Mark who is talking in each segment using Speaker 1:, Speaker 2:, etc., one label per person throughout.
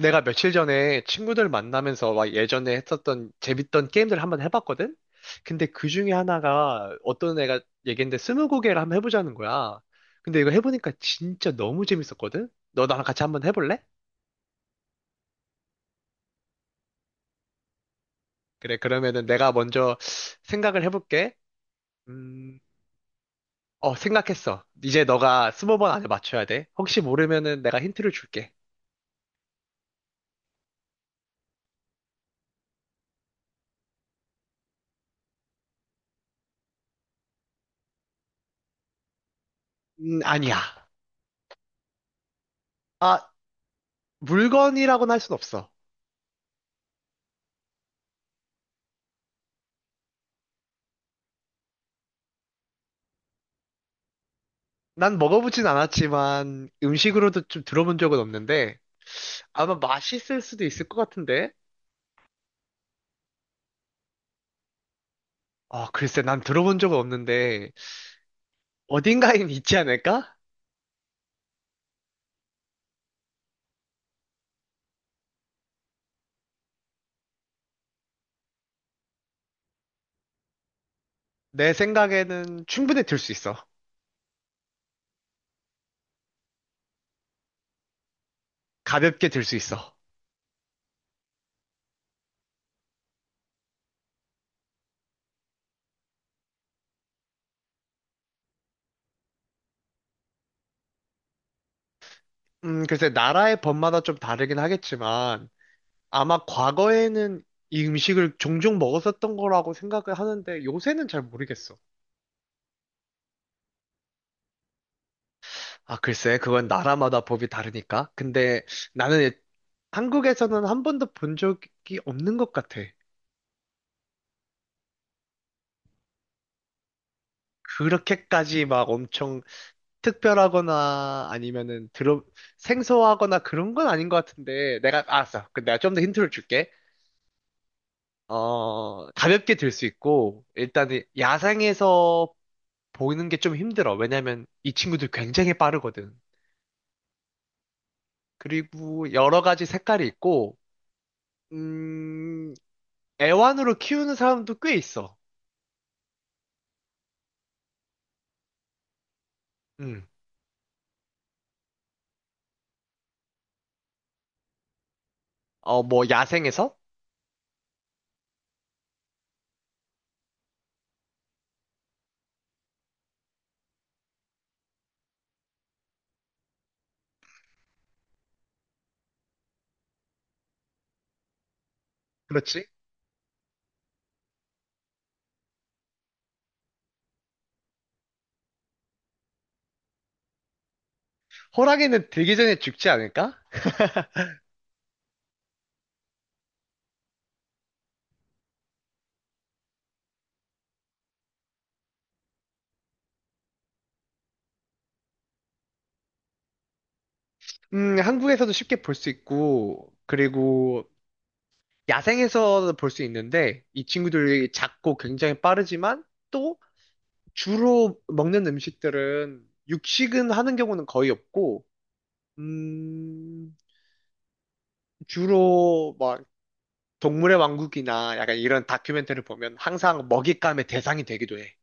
Speaker 1: 내가 며칠 전에 친구들 만나면서 막 예전에 했었던 재밌던 게임들 한번 해봤거든? 근데 그 중에 하나가 어떤 애가 얘기했는데 스무고개를 한번 해보자는 거야. 근데 이거 해보니까 진짜 너무 재밌었거든? 너 나랑 같이 한번 해볼래? 그래, 그러면은 내가 먼저 생각을 해볼게. 음, 생각했어. 이제 너가 스무 번 안에 맞춰야 돼. 혹시 모르면은 내가 힌트를 줄게. 아니야. 아, 물건이라고는 할 순 없어. 난 먹어보진 않았지만 음식으로도 좀 들어본 적은 없는데 아마 맛있을 수도 있을 것 같은데 아 글쎄 난 들어본 적은 없는데 어딘가엔 있지 않을까? 내 생각에는 충분히 들 수 있어. 가볍게 들 수 있어. 글쎄 나라의 법마다 좀 다르긴 하겠지만 아마 과거에는 이 음식을 종종 먹었었던 거라고 생각을 하는데 요새는 잘 모르겠어. 아 글쎄 그건 나라마다 법이 다르니까 근데 나는 한국에서는 한 번도 본 적이 없는 것 같아. 그렇게까지 막 엄청 특별하거나 아니면은 들어 생소하거나 그런 건 아닌 것 같은데 내가 알았어. 그 내가 좀 더 힌트를 줄게. 어 가볍게 들 수 있고 일단은 야생에서 보이는 게 좀 힘들어. 왜냐면 이 친구들 굉장히 빠르거든. 그리고 여러 가지 색깔이 있고 음 애완으로 키우는 사람도 꽤 있어. 음. 어 뭐 야생에서? 그렇지. 호랑이는 들기 전에 죽지 않을까? 한국에서도 쉽게 볼 수 있고, 그리고 야생에서도 볼 수 있는데, 이 친구들이 작고 굉장히 빠르지만, 또 주로 먹는 음식들은 육식은 하는 경우는 거의 없고, 음, 주로 막 동물의 왕국이나 약간 이런 다큐멘터리를 보면 항상 먹잇감의 대상이 되기도 해.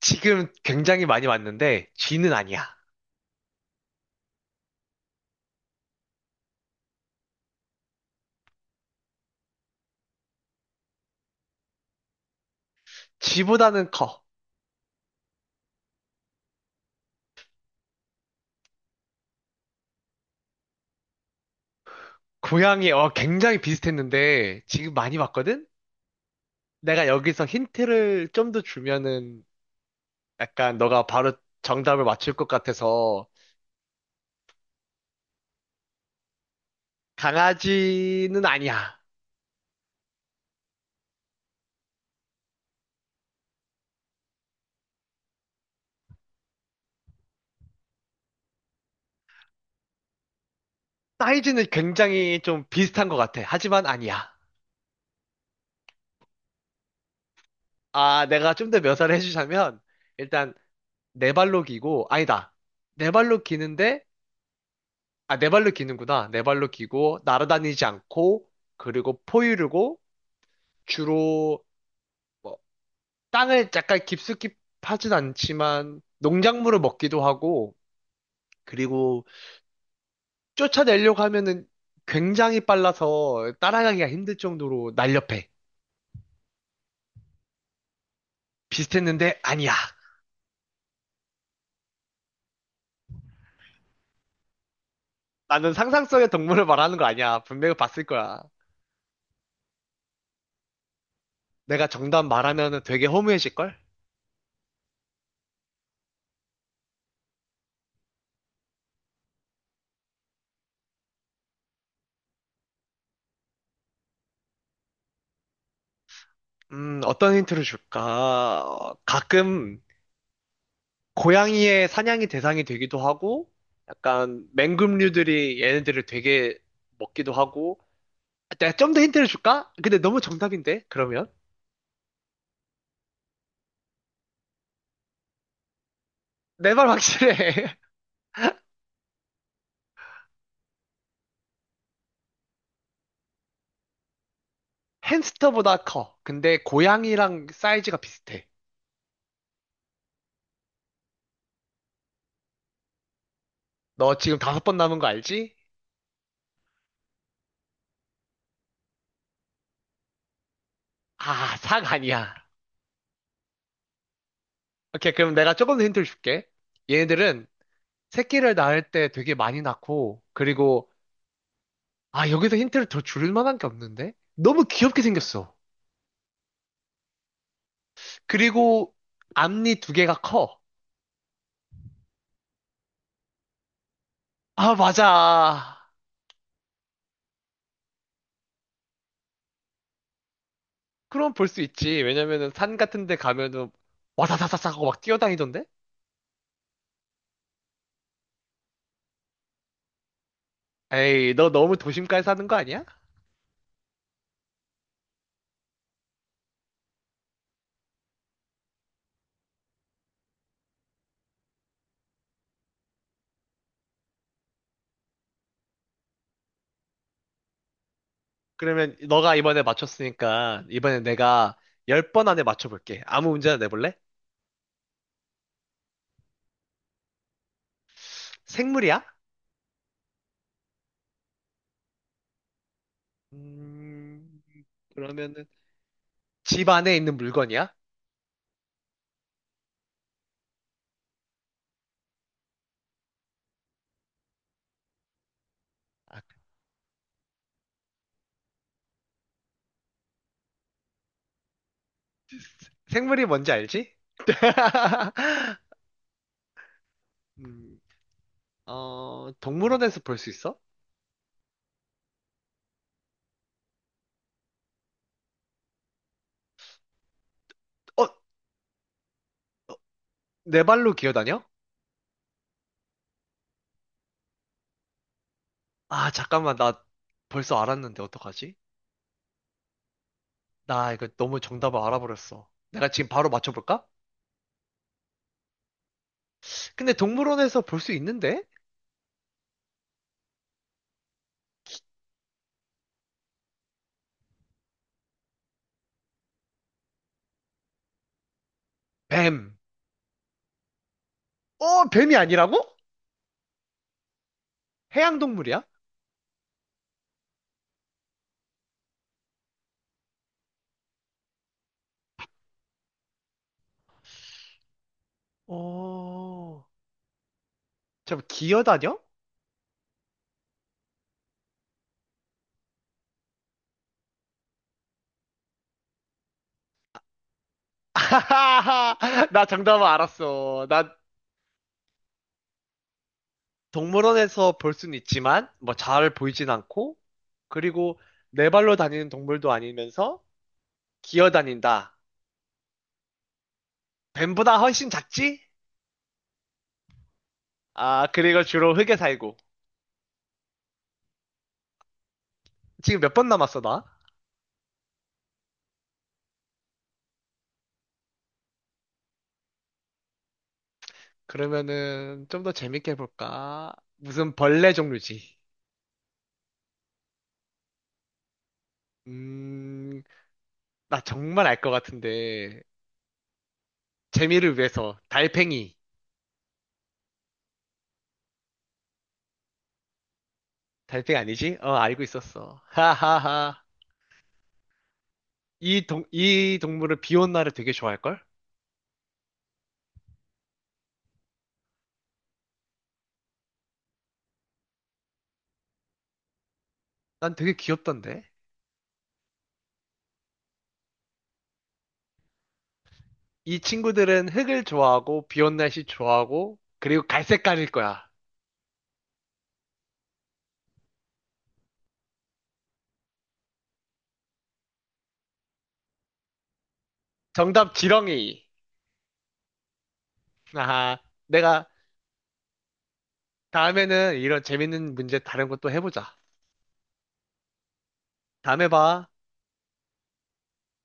Speaker 1: 지금 굉장히 많이 왔는데, 쥐는 아니야. 쥐보다는 커. 고양이, 어, 굉장히 비슷했는데, 지금 많이 봤거든? 내가 여기서 힌트를 좀 더 주면은, 약간 너가 바로 정답을 맞출 것 같아서, 강아지는 아니야. 사이즈는 굉장히 좀 비슷한 것 같아. 하지만 아니야. 아, 내가 좀 더 묘사를 해주자면, 일단, 네 발로 기고, 아니다. 네 발로 기는데, 아, 네 발로 기는구나. 네 발로 기고, 날아다니지 않고, 그리고 포유류고, 주로, 뭐 땅을 약간 깊숙이 파진 않지만 농작물을 먹기도 하고 그리고 쫓아내려고 하면은 굉장히 빨라서 따라가기가 힘들 정도로 날렵해. 비슷했는데 아니야. 나는 상상 속의 동물을 말하는 거 아니야. 분명히 봤을 거야. 내가 정답 말하면은 되게 허무해질걸? 어떤 힌트를 줄까? 어, 가끔 고양이의 사냥이 대상이 되기도 하고 약간 맹금류들이 얘네들을 되게 먹기도 하고 내가 좀 더 힌트를 줄까? 근데 너무 정답인데, 그러면? 내 말 확실해. 햄스터보다 커. 근데 고양이랑 사이즈가 비슷해. 너 지금 다섯 번 남은 거 알지? 아, 삭 아니야. 오케이, 그럼 내가 조금 더 힌트를 줄게. 얘네들은 새끼를 낳을 때 되게 많이 낳고, 그리고, 아, 여기서 힌트를 더 줄 만한 게 없는데? 너무 귀엽게 생겼어. 그리고 앞니 두 개가 커. 아, 맞아. 그럼 볼 수 있지. 왜냐면은 산 같은 데 가면은 와사사사사 하고 막 뛰어다니던데? 에이, 너 너무 도심가에 사는 거 아니야? 그러면 너가 이번에 맞췄으니까 이번에 내가 10번 안에 맞춰볼게. 아무 문제나 내볼래? 생물이야? 음, 그러면은 집 안에 있는 물건이야? 아, 생물이 뭔지 알지? 음, 동물원에서 볼 수 있어? 어, 네 발로 기어다녀? 아, 잠깐만, 나 벌써 알았는데 어떡하지? 나 이거 너무 정답을 알아버렸어. 내가 지금 바로 맞춰볼까? 근데 동물원에서 볼 수 있는데? 뱀! 어, 뱀이 아니라고? 해양동물이야? 어, 잠 기어다녀? 아하하, 나 정답은 알았어. 나 동물원에서 볼 수는 있지만, 뭐 잘 보이진 않고, 그리고 네 발로 다니는 동물도 아니면서 기어다닌다. 뱀보다 훨씬 작지? 아, 그리고 주로 흙에 살고. 지금 몇 번 남았어, 나? 그러면은 좀 더 재밌게 해볼까? 무슨 벌레 종류지? 음, 나 정말 알 것 같은데, 재미를 위해서 달팽이. 달팽이 아니지? 어 알고 있었어. 하하하. 이 동물을 비온 날에 되게 좋아할걸? 난 되게 귀엽던데. 이 친구들은 흙을 좋아하고 비온 날씨 좋아하고 그리고 갈색깔일 거야. 정답 지렁이. 아하. 내가 다음에는 이런 재밌는 문제 다른 것도 해보자. 다음에 봐.